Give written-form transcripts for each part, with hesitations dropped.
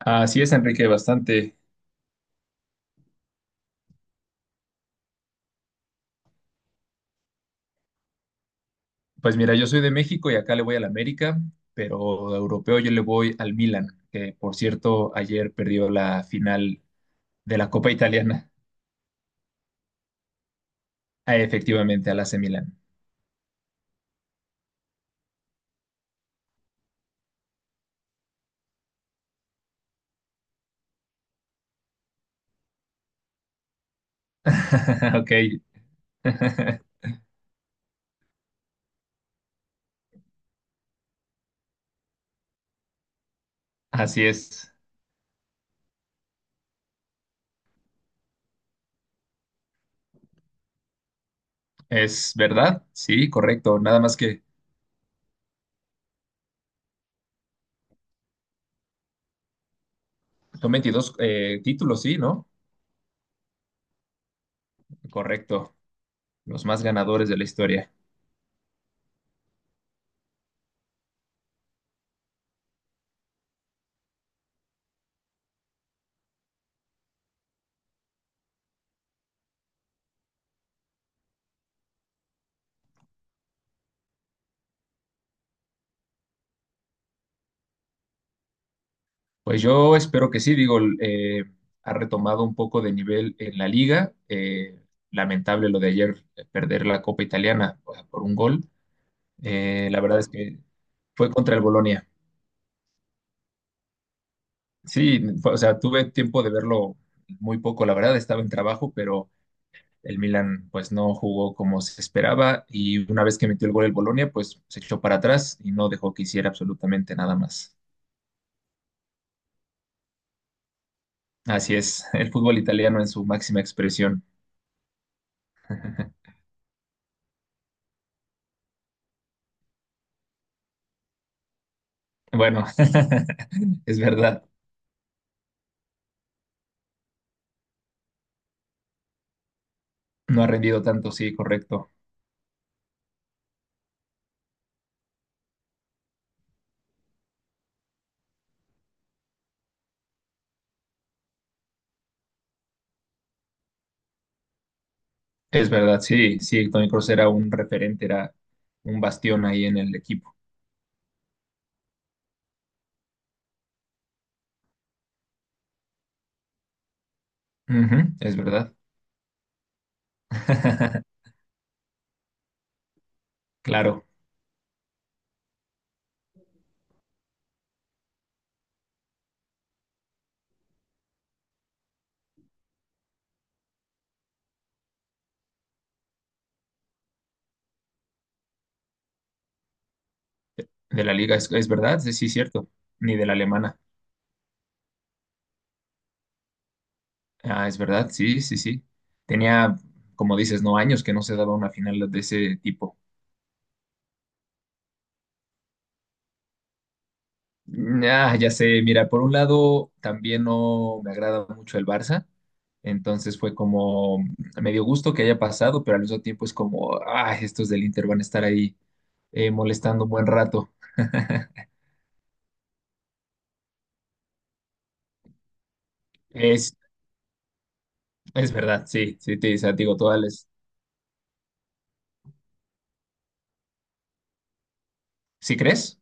Así es, Enrique, bastante. Pues mira, yo soy de México y acá le voy al América, pero de europeo yo le voy al Milan, que por cierto ayer perdió la final de la Copa Italiana. Ah, efectivamente al AC Milan. Ok. Así es. Es verdad, sí, correcto. Nada más que son 22 títulos, sí, ¿no? Correcto, los más ganadores de la historia. Pues yo espero que sí, digo, ha retomado un poco de nivel en la liga. Lamentable lo de ayer perder la Copa Italiana, o sea, por un gol. La verdad es que fue contra el Bolonia. Sí, o sea, tuve tiempo de verlo muy poco, la verdad, estaba en trabajo, pero el Milan pues no jugó como se esperaba y una vez que metió el gol el Bolonia, pues se echó para atrás y no dejó que hiciera absolutamente nada más. Así es, el fútbol italiano en su máxima expresión. Bueno, es verdad, no ha rendido tanto, sí, correcto. Es verdad, sí, sí, Tony Kroos era un referente, era un bastión ahí en el equipo. Ujú, es verdad. Claro, de la liga, es verdad, sí, sí, cierto, ni de la alemana. Ah, es verdad, sí, sí, sí. Tenía, como dices, no años que no se daba una final de ese tipo. Ah, ya sé, mira, por un lado también no me agrada mucho el Barça, entonces fue como me dio gusto que haya pasado, pero al mismo tiempo es como, ah, estos del Inter van a estar ahí molestando un buen rato. Es, es verdad, sí, sí, o sea, digo, todas las... ¿Sí crees?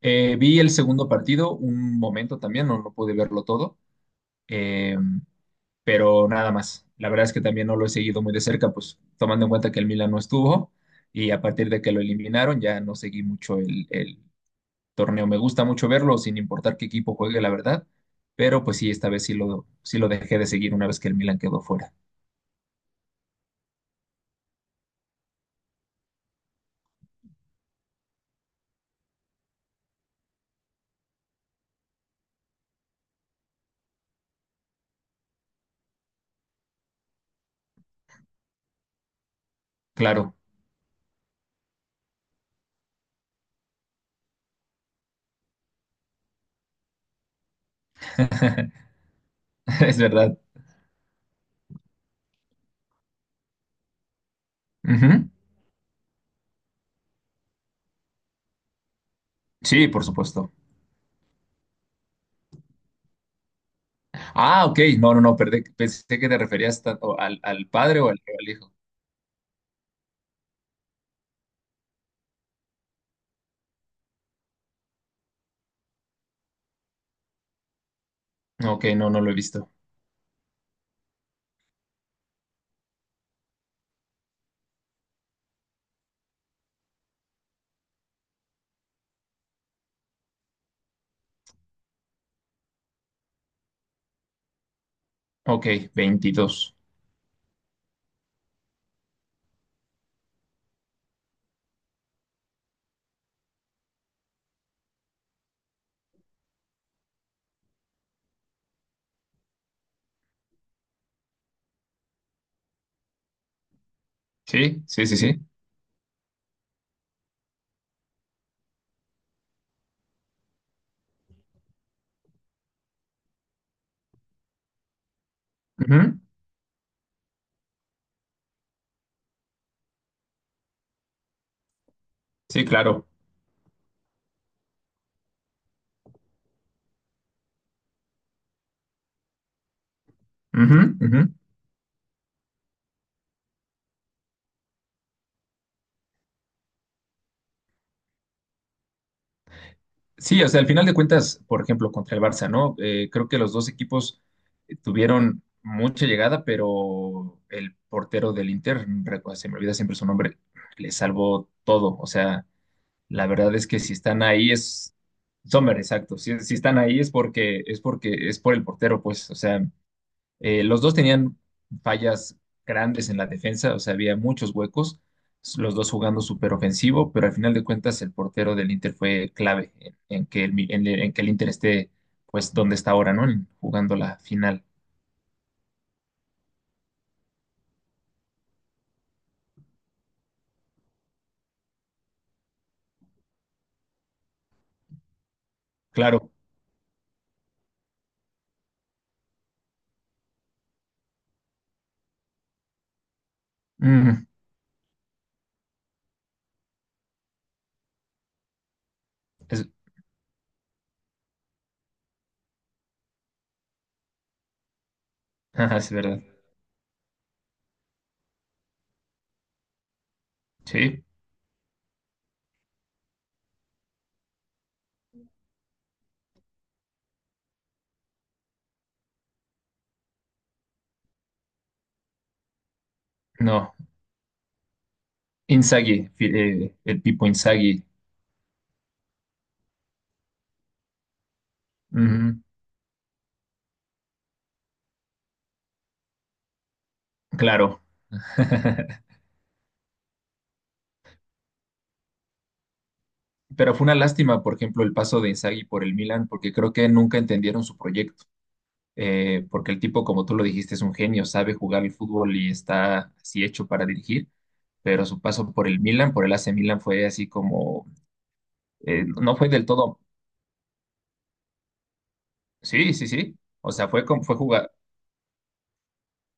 Vi el segundo partido un momento también, no, no pude verlo todo, Eh, pero nada más. La verdad es que también no lo he seguido muy de cerca, pues tomando en cuenta que el Milan no estuvo y a partir de que lo eliminaron ya no seguí mucho el torneo. Me gusta mucho verlo sin importar qué equipo juegue, la verdad, pero pues sí, esta vez sí lo dejé de seguir una vez que el Milan quedó fuera. Claro, es verdad. Ujú. Sí, por supuesto. Ah, ok, no, no, no, perdí. Pensé que te referías tanto al padre o al hijo. Ok, no, no lo he visto. Ok, 22. Sí, sí, sí, sí. Ujú, sí, claro. Ujú, ujú. Sí, o sea, al final de cuentas, por ejemplo, contra el Barça, ¿no? Creo que los dos equipos tuvieron mucha llegada, pero el portero del Inter, se me olvida siempre su nombre, le salvó todo. O sea, la verdad es que si están ahí es Sommer, exacto. Si están ahí es por el portero, pues. O sea. Los dos tenían fallas grandes en la defensa, o sea, había muchos huecos, los dos jugando súper ofensivo, pero al final de cuentas el portero del Inter fue clave en que el Inter esté, pues, donde está ahora, ¿no? Jugando la final. Claro. Mm, es, ajá, es verdad. Sí. No. Inzaghi, el Pipo Inzaghi. Ujú, claro. Pero fue una lástima, por ejemplo, el paso de Inzaghi por el Milan, porque creo que nunca entendieron su proyecto. Porque el tipo, como tú lo dijiste, es un genio, sabe jugar el fútbol y está así hecho para dirigir, pero su paso por el Milan, por el AC Milan, fue así como, no fue del todo, sí, sí, sí, o sea.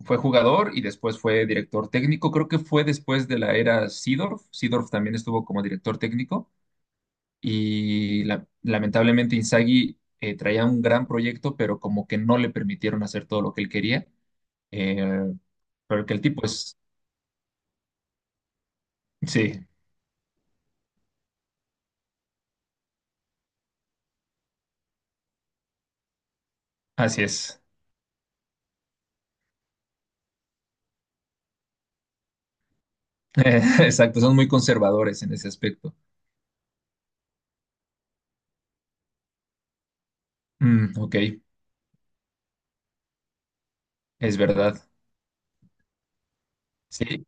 Fue jugador y después fue director técnico. Creo que fue después de la era Seedorf. Seedorf también estuvo como director técnico. Y lamentablemente Inzaghi traía un gran proyecto, pero como que no le permitieron hacer todo lo que él quería. Eh, pero el tipo es, sí. Así es. Exacto, son muy conservadores en ese aspecto. Mm, ok, es verdad. Sí,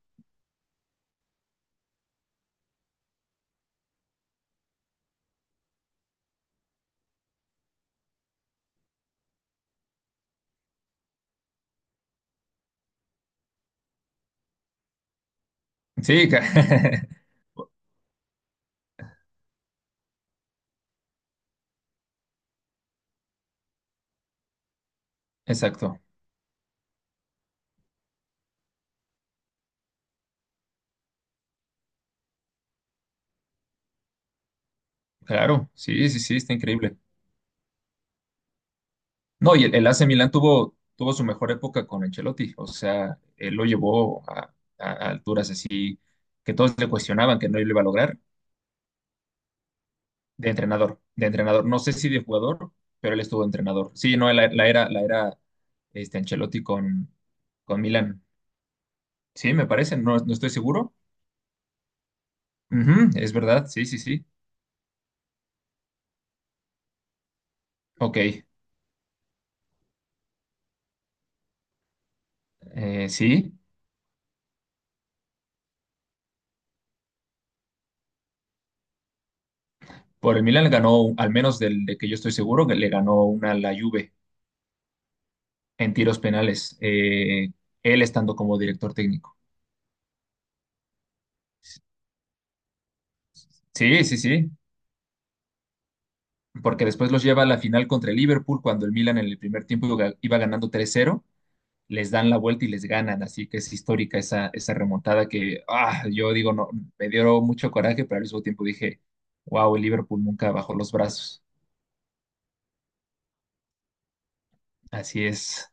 sí, exacto. Claro, sí, sí, sí, está increíble. No, y el AC Milan tuvo su mejor época con Ancelotti. O sea, él lo llevó a alturas así que todos le cuestionaban que no lo iba a lograr. De entrenador, de entrenador. No sé si de jugador, pero él estuvo de entrenador. Sí, no, la era Ancelotti con Milan. Sí, me parece, no, no estoy seguro. Ujú, es verdad, sí, sí, sí. Ok, sí. Por el Milan le ganó, al menos de que yo estoy seguro, que le ganó una a la Juve en tiros penales, él estando como director técnico. Sí, sí, sí. Porque después los lleva a la final contra el Liverpool cuando el Milan en el primer tiempo iba ganando 3-0, les dan la vuelta y les ganan. Así que es histórica esa remontada que yo digo, no, me dio mucho coraje, pero al mismo tiempo dije, wow, el Liverpool nunca bajó los brazos. Así es.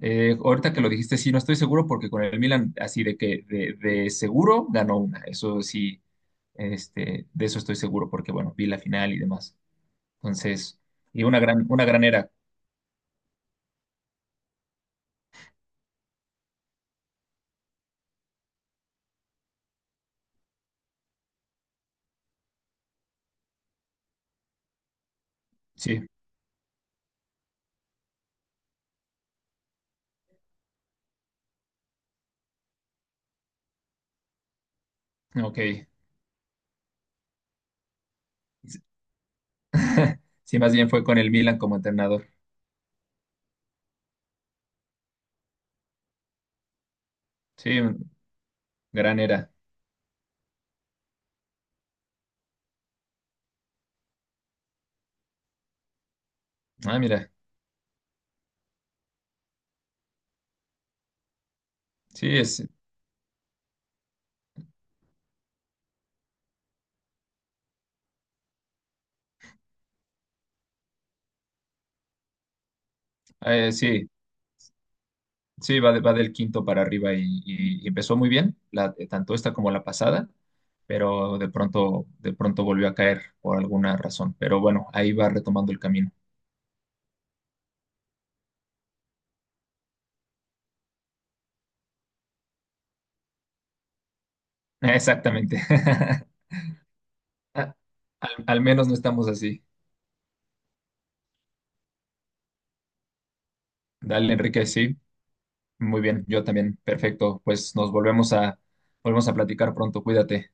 Ahorita que lo dijiste, sí, no estoy seguro porque con el Milan, así de que de seguro ganó una. Eso sí, de eso estoy seguro porque, bueno, vi la final y demás. Entonces, y una gran era. Sí, ok. Sí, más bien fue con el Milan como entrenador. Sí, gran era. Ah, mira. Sí, sí. Sí, va del quinto para arriba y empezó muy bien, tanto esta como la pasada, pero de pronto volvió a caer por alguna razón. Pero bueno, ahí va retomando el camino. Exactamente. Al menos no estamos así. Dale, Enrique, sí. Muy bien, yo también. Perfecto. Pues nos volvemos a platicar pronto. Cuídate.